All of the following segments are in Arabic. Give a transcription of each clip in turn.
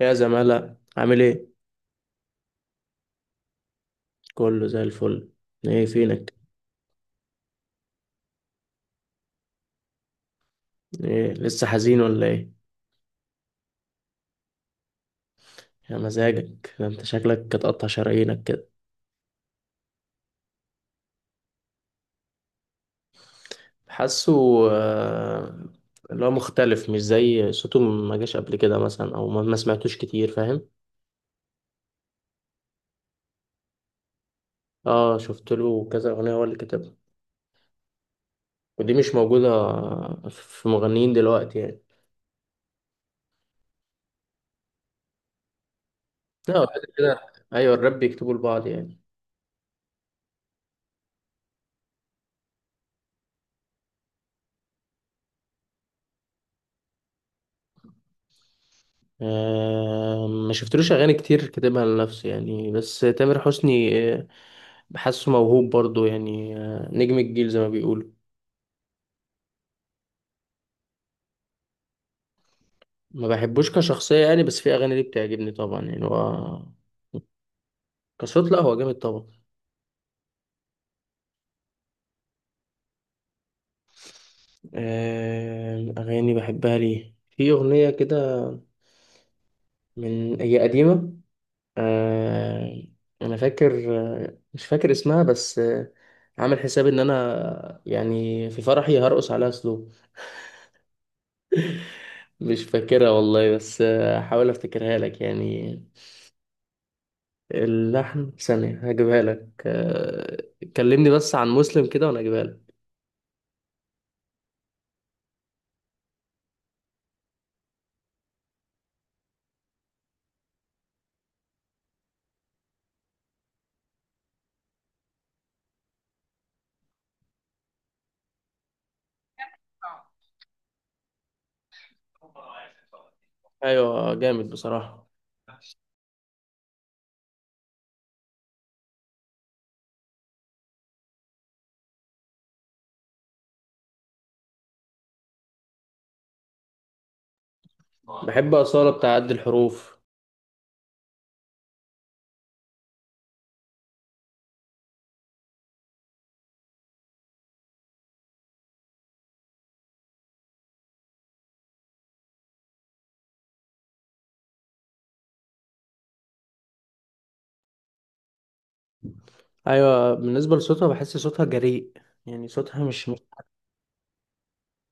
يا زمالة عامل ايه؟ كله زي الفل. ايه فينك؟ ايه لسه حزين ولا ايه؟ يا مزاجك ده، انت شكلك هتقطع شرايينك كده. حاسه. آه، اللي هو مختلف، مش زي صوته ما جاش قبل كده مثلا، او ما سمعتوش كتير، فاهم؟ اه، شفت له كذا اغنية هو اللي كتبها. ودي مش موجودة في مغنيين دلوقتي يعني. لا بعد كده، ايوه الراب بيكتبوا لبعض يعني. ما شفتلوش اغاني كتير كاتبها لنفسه يعني، بس تامر حسني بحسه موهوب برضو يعني، نجم الجيل زي ما بيقولوا. ما بحبوش كشخصية يعني، بس في أغاني ليه بتعجبني طبعا يعني هو كصوت، لا هو جامد طبعا. أغاني بحبها ليه، في أغنية كده من هي قديمة. آه، أنا فاكر، مش فاكر اسمها بس. عامل حساب إن أنا يعني في فرحي هرقص عليها سلو. مش فاكرها والله، بس هحاول أفتكرها لك يعني. اللحن ثانية هجيبها لك. كلمني بس عن مسلم كده وأنا أجيبها لك. أيوة جامد بصراحة. بحب أصالة بتاع قد الحروف. أيوة، بالنسبة لصوتها بحس صوتها جريء، يعني صوتها مش،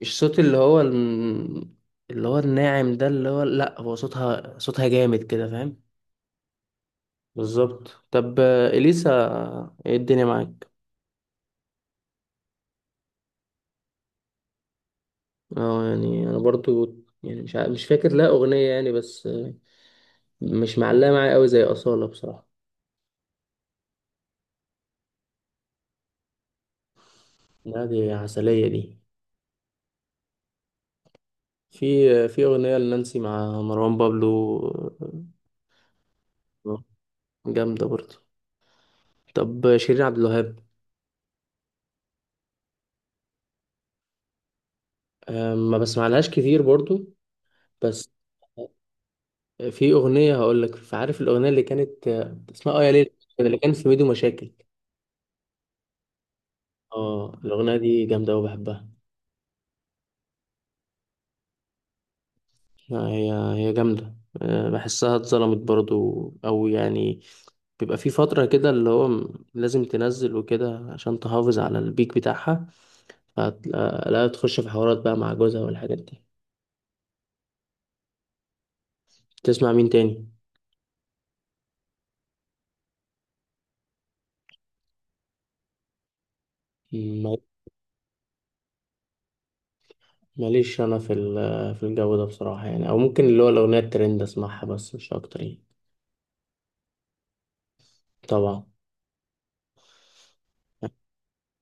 مش صوت اللي هو اللي هو الناعم ده، اللي هو لأ، هو صوتها صوتها جامد كده، فاهم. بالظبط. طب إليسا، إيه الدنيا معاك؟ اه يعني أنا برضو، يعني مش مش فاكر لها أغنية يعني، بس مش معلقة معايا قوي زي أصالة بصراحة. لا دي عسلية دي. في في أغنية لنانسي مع مروان بابلو، آه، جامدة برضو. طب شيرين عبد الوهاب، ما بسمعلهاش كتير برضو، بس في أغنية هقولك، عارف الأغنية اللي كانت اسمها آه يا ليل، اللي كانت في ميدو مشاكل. اه الأغنية دي جامدة أوي بحبها. لا هي، هي جامدة. أه، بحسها اتظلمت برضو أو يعني بيبقى في فترة كده اللي هو لازم تنزل وكده عشان تحافظ على البيك بتاعها. فهتلاقي- لا تخش في حوارات بقى مع جوزها والحاجات دي. تسمع مين تاني؟ م- ماليش أنا في في الجو ده بصراحة يعني، أو ممكن اللي هو الأغنية الترند أسمعها بس مش أكتر يعني. طبعا.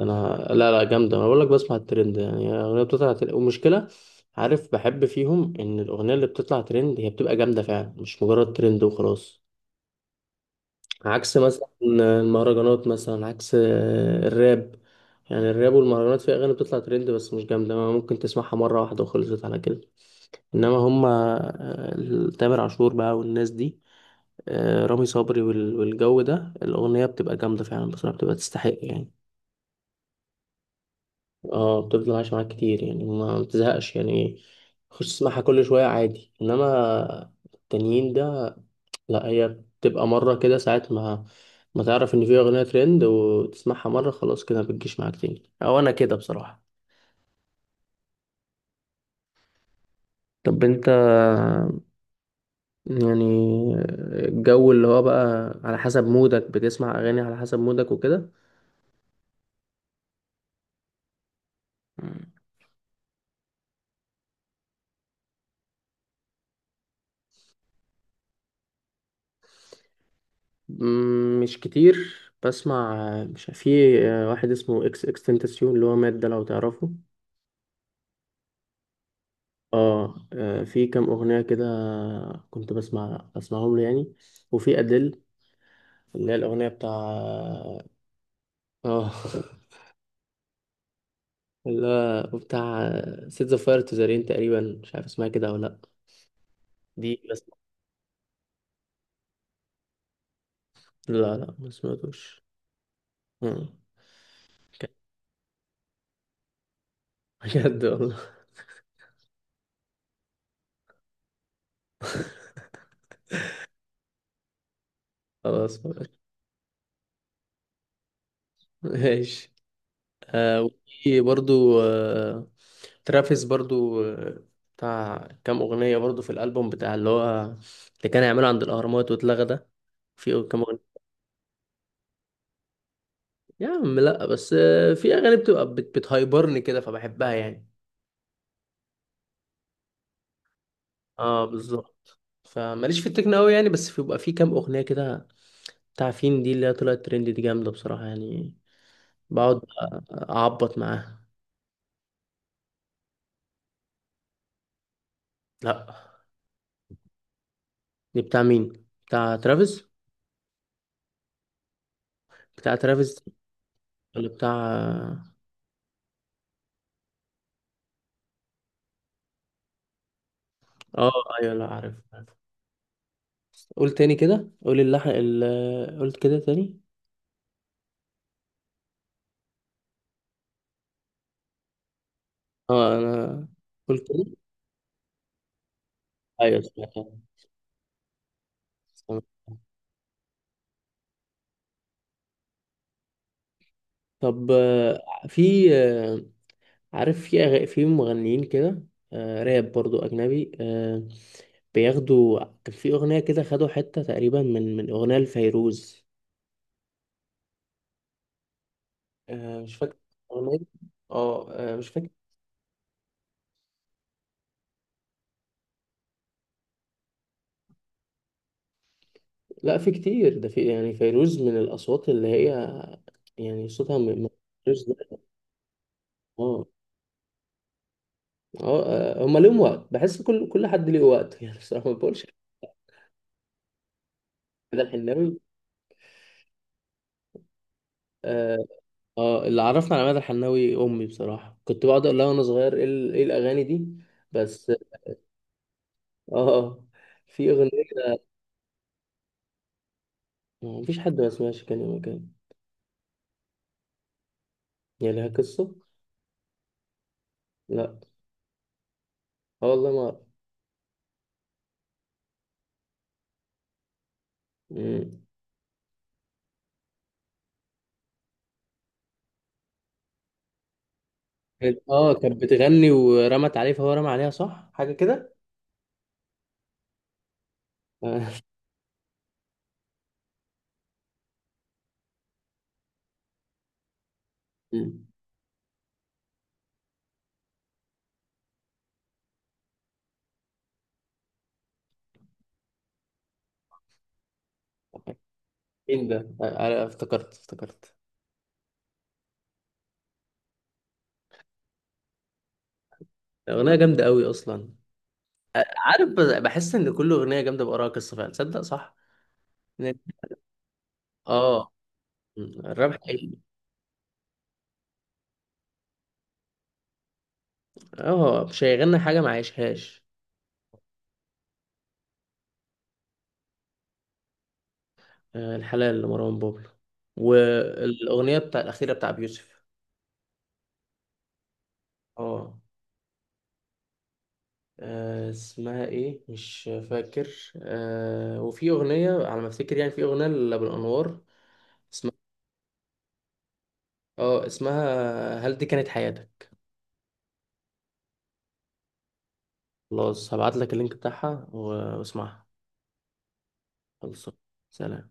انا لا لا جامده، انا بقول لك بسمع الترند، يعني الاغنيه بتطلع ترند ومشكله. عارف بحب فيهم ان الاغنيه اللي بتطلع ترند هي بتبقى جامده فعلا، مش مجرد ترند وخلاص. عكس مثلا المهرجانات، مثلا عكس الراب. يعني الراب والمهرجانات في اغاني بتطلع ترند بس مش جامده، ما ممكن تسمعها مره واحده وخلصت على كده. انما هما، تامر عاشور بقى والناس دي، رامي صبري والجو ده الاغنيه بتبقى جامده فعلا بصراحه، بتبقى تستحق يعني. اه بتفضل عايشة معاك كتير يعني، ما بتزهقش يعني، خش تسمعها كل شوية عادي. انما التانيين ده، لا هي بتبقى مرة كده، ساعة ما ما تعرف ان في اغنية ترند وتسمعها مرة خلاص، كده ما بتجيش معاك تاني، او انا كده بصراحة. طب انت يعني الجو اللي هو بقى على حسب مودك، بتسمع اغاني على حسب مودك وكده. مش كتير. بسمع، مش في واحد اسمه اكس اكس تنتاسيون اللي هو مات ده، لو تعرفه؟ اه، في كام اغنيه كده كنت بسمعهم له يعني. وفي ادل اللي هي الاغنيه بتاع، اه، اللي هو بتاع سيت ذا فاير تو ذا رين تقريبا، مش عارف اسمها كده ولا لا. دي بس. لا لا ما سمعتوش. آه، ك- بجد والله. خلاص ماشي. آه وفي برضو آه، ترافيس برضو، بتاع كام اغنيه برضو في الالبوم بتاع اللي هو اللي كان هيعمله عند الاهرامات واتلغى ده. في كام، يا عم لا بس في اغاني بتبقى بتهايبرني كده فبحبها يعني. اه بالظبط. فماليش في التكنو قوي يعني، بس بيبقى في كام اغنيه كده بتاع فين دي اللي هي طلعت ترند دي، جامده بصراحه يعني. بقعد اعبط معاها. لا، دي بتاع مين؟ بتاع ترافيس؟ بتاع ترافيس؟ ولا بتاع؟ اه ايوه، لا عارف عارف. قول تاني كده، قول اللحن ال... قلت كده تاني. اه انا قلت كده. ايوه سمعتها. سمعتها. طب في، عارف في أغ... في مغنيين كده آه راب برضو أجنبي آه، بياخدوا، كان في أغنية كده خدوا حتة تقريبا من أغنية لفيروز. آه مش فاكر أغنية. اه مش فاكر. لا في كتير ده، في يعني فيروز من الأصوات اللي هي يعني صوتها م... م-. فيروز ده اه اه، هما ليهم وقت، بحس كل حد ليه وقت يعني بصراحة ما بقولش. ده الحناوي، آه، اه اللي عرفنا على مدى الحناوي امي بصراحه، كنت بقعد اقول لها وانا صغير ايه إيه الاغاني دي، بس اه اه. في اغنيه، مفيش حد ما سمعش كان مكان. هي لها قصه. لا. اه والله ما. مم. كانت- اه كانت بتغني ورمت عليه، فهو رمى عليها، صح، حاجه كده. آه. مم. مين ده؟ افتكرت افتكرت. اغنيه جامده قوي اصلا. عارف بحس ان كل اغنيه جامده بقراها قصه فعلا، تصدق صح. إن- اه. مم. الراب حقيقي. اه مش هيغني حاجه ما عايشهاش. الحلال لمروان بابلو، والاغنيه بتاع الاخيره بتاع بيوسف. اه اسمها ايه مش فاكر، وفي اغنيه على ما افتكر يعني، في اغنيه لابو الانوار اسمها، اه اسمها هل دي كانت حياتك. خلاص هبعت لك اللينك بتاعها واسمعها. خلاص. سلام.